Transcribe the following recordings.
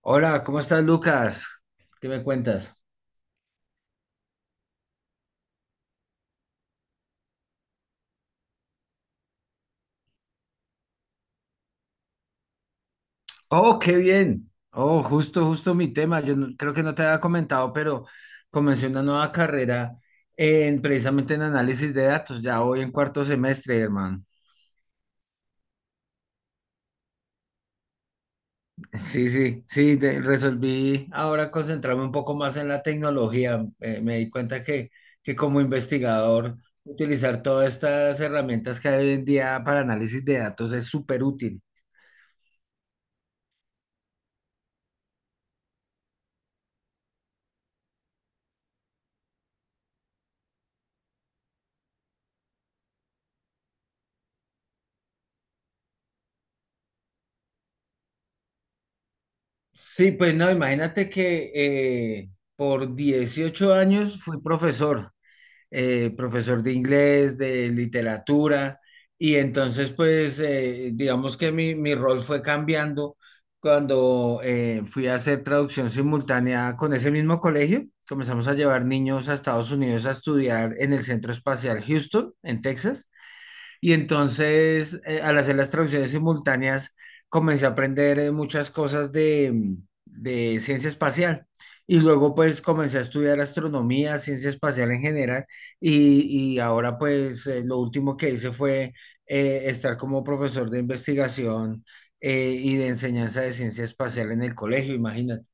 Hola, ¿cómo estás, Lucas? ¿Qué me cuentas? Oh, qué bien. Oh, justo, justo mi tema. Yo no- Creo que no te había comentado, pero comencé una nueva carrera en precisamente en análisis de datos. Ya voy en cuarto semestre, hermano. Sí, sí, sí. Resolví ahora concentrarme un poco más en la tecnología. Me di cuenta que como investigador, utilizar todas estas herramientas que hay hoy en día para análisis de datos es súper útil. Sí, pues no, imagínate que por 18 años fui profesor, profesor de inglés, de literatura, y entonces pues digamos que mi rol fue cambiando cuando fui a hacer traducción simultánea con ese mismo colegio. Comenzamos a llevar niños a Estados Unidos a estudiar en el Centro Espacial Houston, en Texas. Y entonces, al hacer las traducciones simultáneas, comencé a aprender muchas cosas de ciencia espacial. Y luego pues comencé a estudiar astronomía, ciencia espacial en general, y ahora pues lo último que hice fue estar como profesor de investigación y de enseñanza de ciencia espacial en el colegio, imagínate.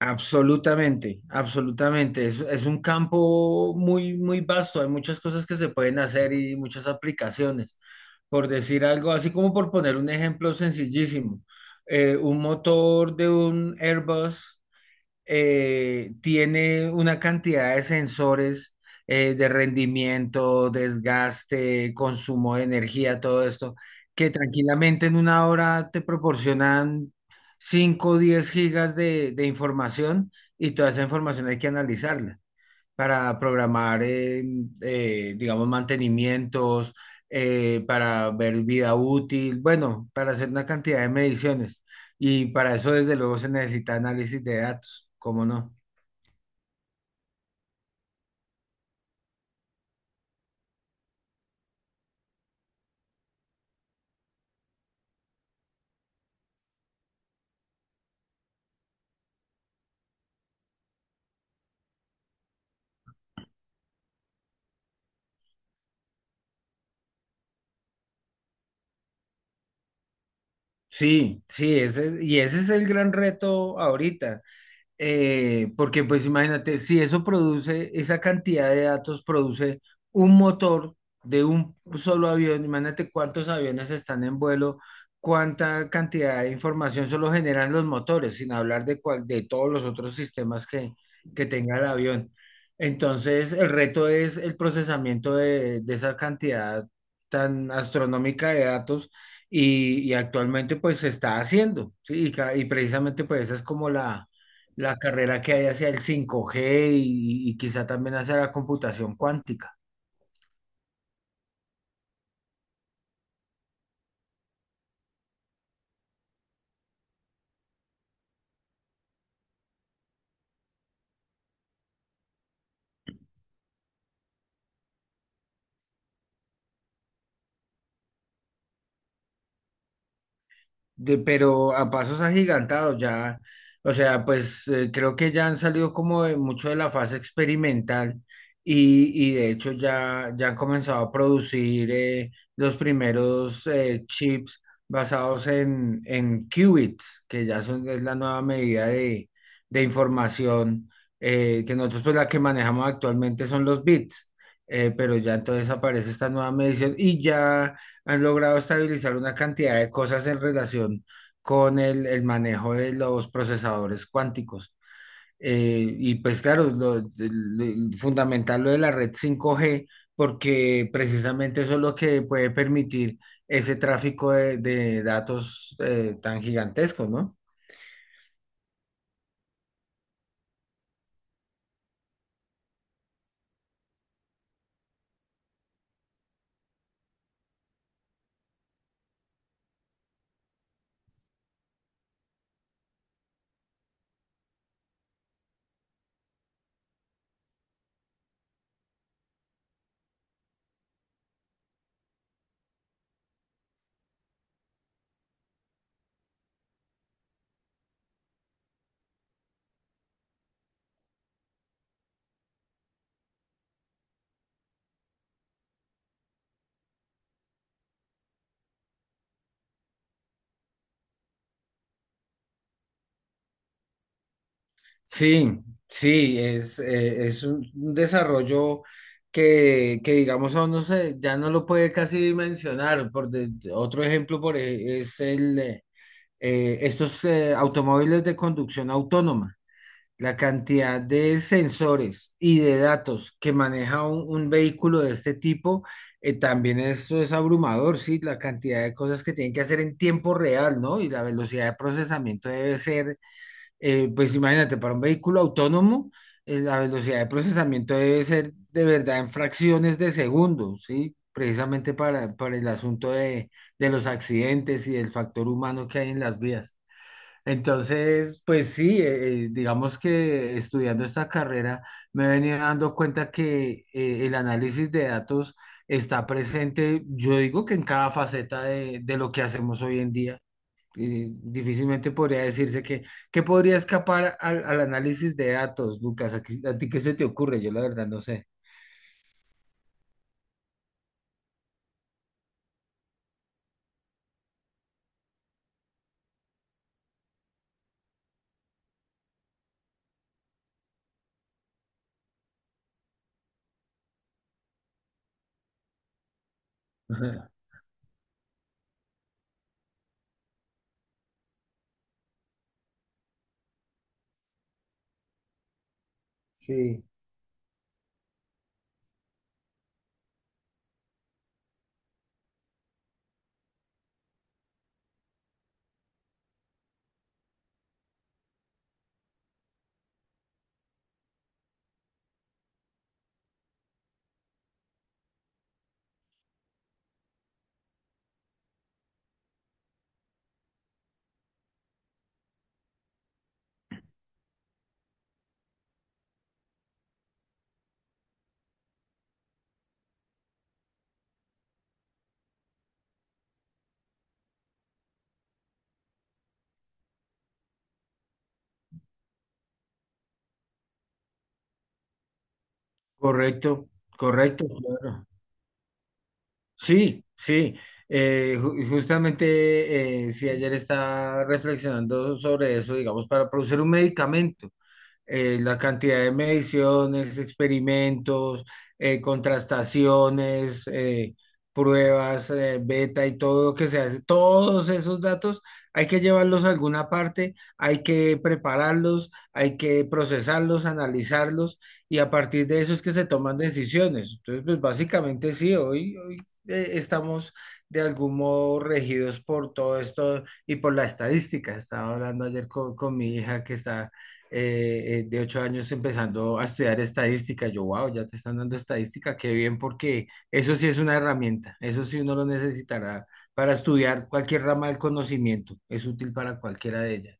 Absolutamente, absolutamente. Es un campo muy, muy vasto. Hay muchas cosas que se pueden hacer y muchas aplicaciones. Por decir algo, así como por poner un ejemplo sencillísimo, un motor de un Airbus tiene una cantidad de sensores de rendimiento, desgaste, consumo de energía, todo esto, que tranquilamente en una hora te proporcionan 5, o 10 gigas de información y toda esa información hay que analizarla para programar, digamos, mantenimientos, para ver vida útil, bueno, para hacer una cantidad de mediciones. Y para eso, desde luego, se necesita análisis de datos, ¿cómo no? Sí, sí, y ese es el gran reto ahorita. Porque pues imagínate, si eso produce, esa cantidad de datos produce un motor de un solo avión, imagínate cuántos aviones están en vuelo, cuánta cantidad de información solo generan los motores, sin hablar de todos los otros sistemas que tenga el avión. Entonces, el reto es el procesamiento de esa cantidad tan astronómica de datos y actualmente pues se está haciendo, ¿sí? Y precisamente pues esa es como la carrera que hay hacia el 5G y quizá también hacia la computación cuántica. Pero a pasos agigantados ya, o sea, pues creo que ya han salido como de mucho de la fase experimental y de hecho ya, han comenzado a producir los primeros chips basados en qubits, que ya es la nueva medida de información que nosotros pues la que manejamos actualmente son los bits. Pero ya entonces aparece esta nueva medición y ya han logrado estabilizar una cantidad de cosas en relación con el manejo de los procesadores cuánticos. Y pues claro, fundamental lo de la red 5G, porque precisamente eso es lo que puede permitir ese tráfico de datos tan gigantesco, ¿no? Sí, sí, es un desarrollo que digamos, aún no sé, ya no lo puede casi dimensionar. Otro ejemplo por, ej- es el, estos automóviles de conducción autónoma. La cantidad de sensores y de datos que maneja un vehículo de este tipo, también esto es abrumador, sí, la cantidad de cosas que tienen que hacer en tiempo real, ¿no? Y la velocidad de procesamiento debe ser pues imagínate, para un vehículo autónomo, la velocidad de procesamiento debe ser de verdad en fracciones de segundos, ¿sí? Precisamente para el asunto de los accidentes y del factor humano que hay en las vías. Entonces, pues sí, digamos que estudiando esta carrera me he venido dando cuenta que el análisis de datos está presente, yo digo que en cada faceta de lo que hacemos hoy en día y difícilmente podría decirse que, ¿qué podría escapar al análisis de datos, Lucas? ¿A ti qué se te ocurre? Yo la verdad no sé. Ajá. Sí, correcto, correcto, claro. Sí, sí. Justamente, si ayer estaba reflexionando sobre eso, digamos, para producir un medicamento. La cantidad de mediciones, experimentos, contrastaciones, pruebas, beta y todo lo que se hace, todos esos datos hay que llevarlos a alguna parte, hay que prepararlos, hay que procesarlos, analizarlos y a partir de eso es que se toman decisiones. Entonces, pues básicamente sí, hoy estamos de algún modo regidos por todo esto y por la estadística. Estaba hablando ayer con mi hija que está de 8 años empezando a estudiar estadística. Yo, wow, ya te están dando estadística, qué bien, porque eso sí es una herramienta, eso sí uno lo necesitará para estudiar cualquier rama del conocimiento, es útil para cualquiera de ellas.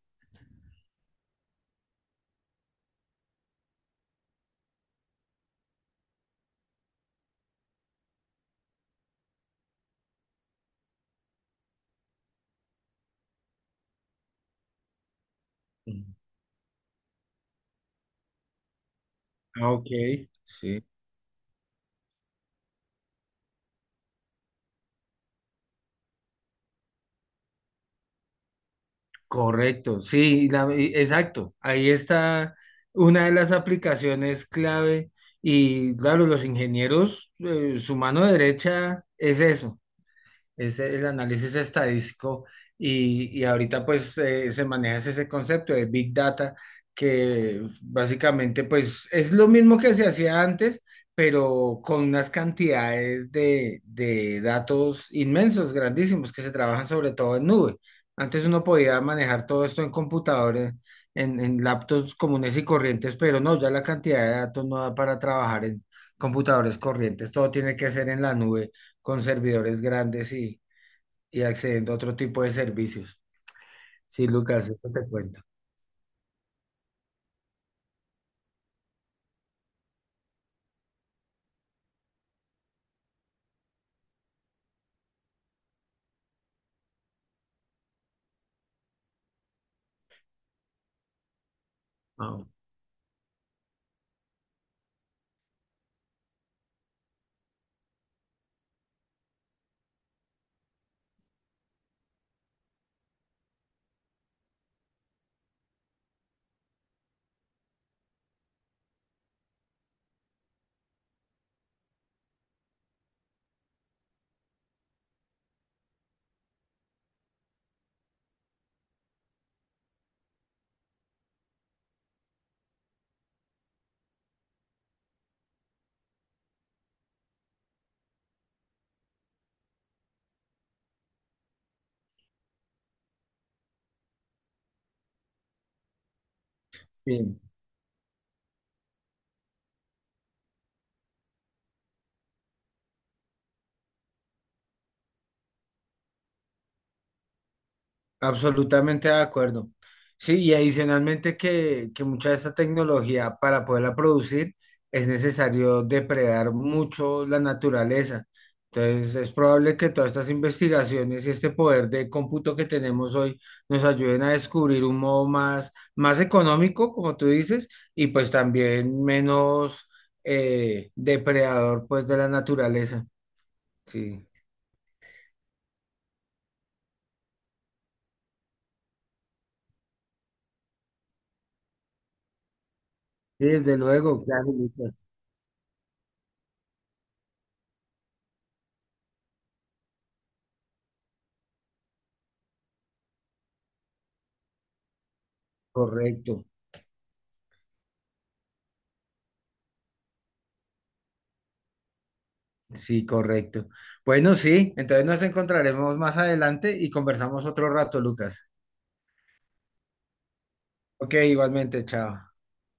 Ujú. Ah, ok, sí. Correcto, sí, exacto. Ahí está una de las aplicaciones clave y claro, los ingenieros, su mano derecha es eso, es el análisis estadístico y ahorita pues se maneja ese concepto de Big Data que básicamente pues es lo mismo que se hacía antes, pero con unas cantidades de datos inmensos, grandísimos, que se trabajan sobre todo en nube. Antes uno podía manejar todo esto en computadores, en laptops comunes y corrientes, pero no, ya la cantidad de datos no da para trabajar en computadores corrientes, todo tiene que ser en la nube con servidores grandes y accediendo a otro tipo de servicios. Sí, Lucas, eso te cuento. Ah, sí. Absolutamente de acuerdo. Sí, y adicionalmente que mucha de esta tecnología para poderla producir es necesario depredar mucho la naturaleza. Entonces es probable que todas estas investigaciones y este poder de cómputo que tenemos hoy nos ayuden a descubrir un modo más, más económico, como tú dices, y pues también menos depredador pues de la naturaleza. Sí, sí, desde luego, claro, Lucas, correcto. Sí, correcto. Bueno, sí, entonces nos encontraremos más adelante y conversamos otro rato, Lucas. Ok, igualmente, chao.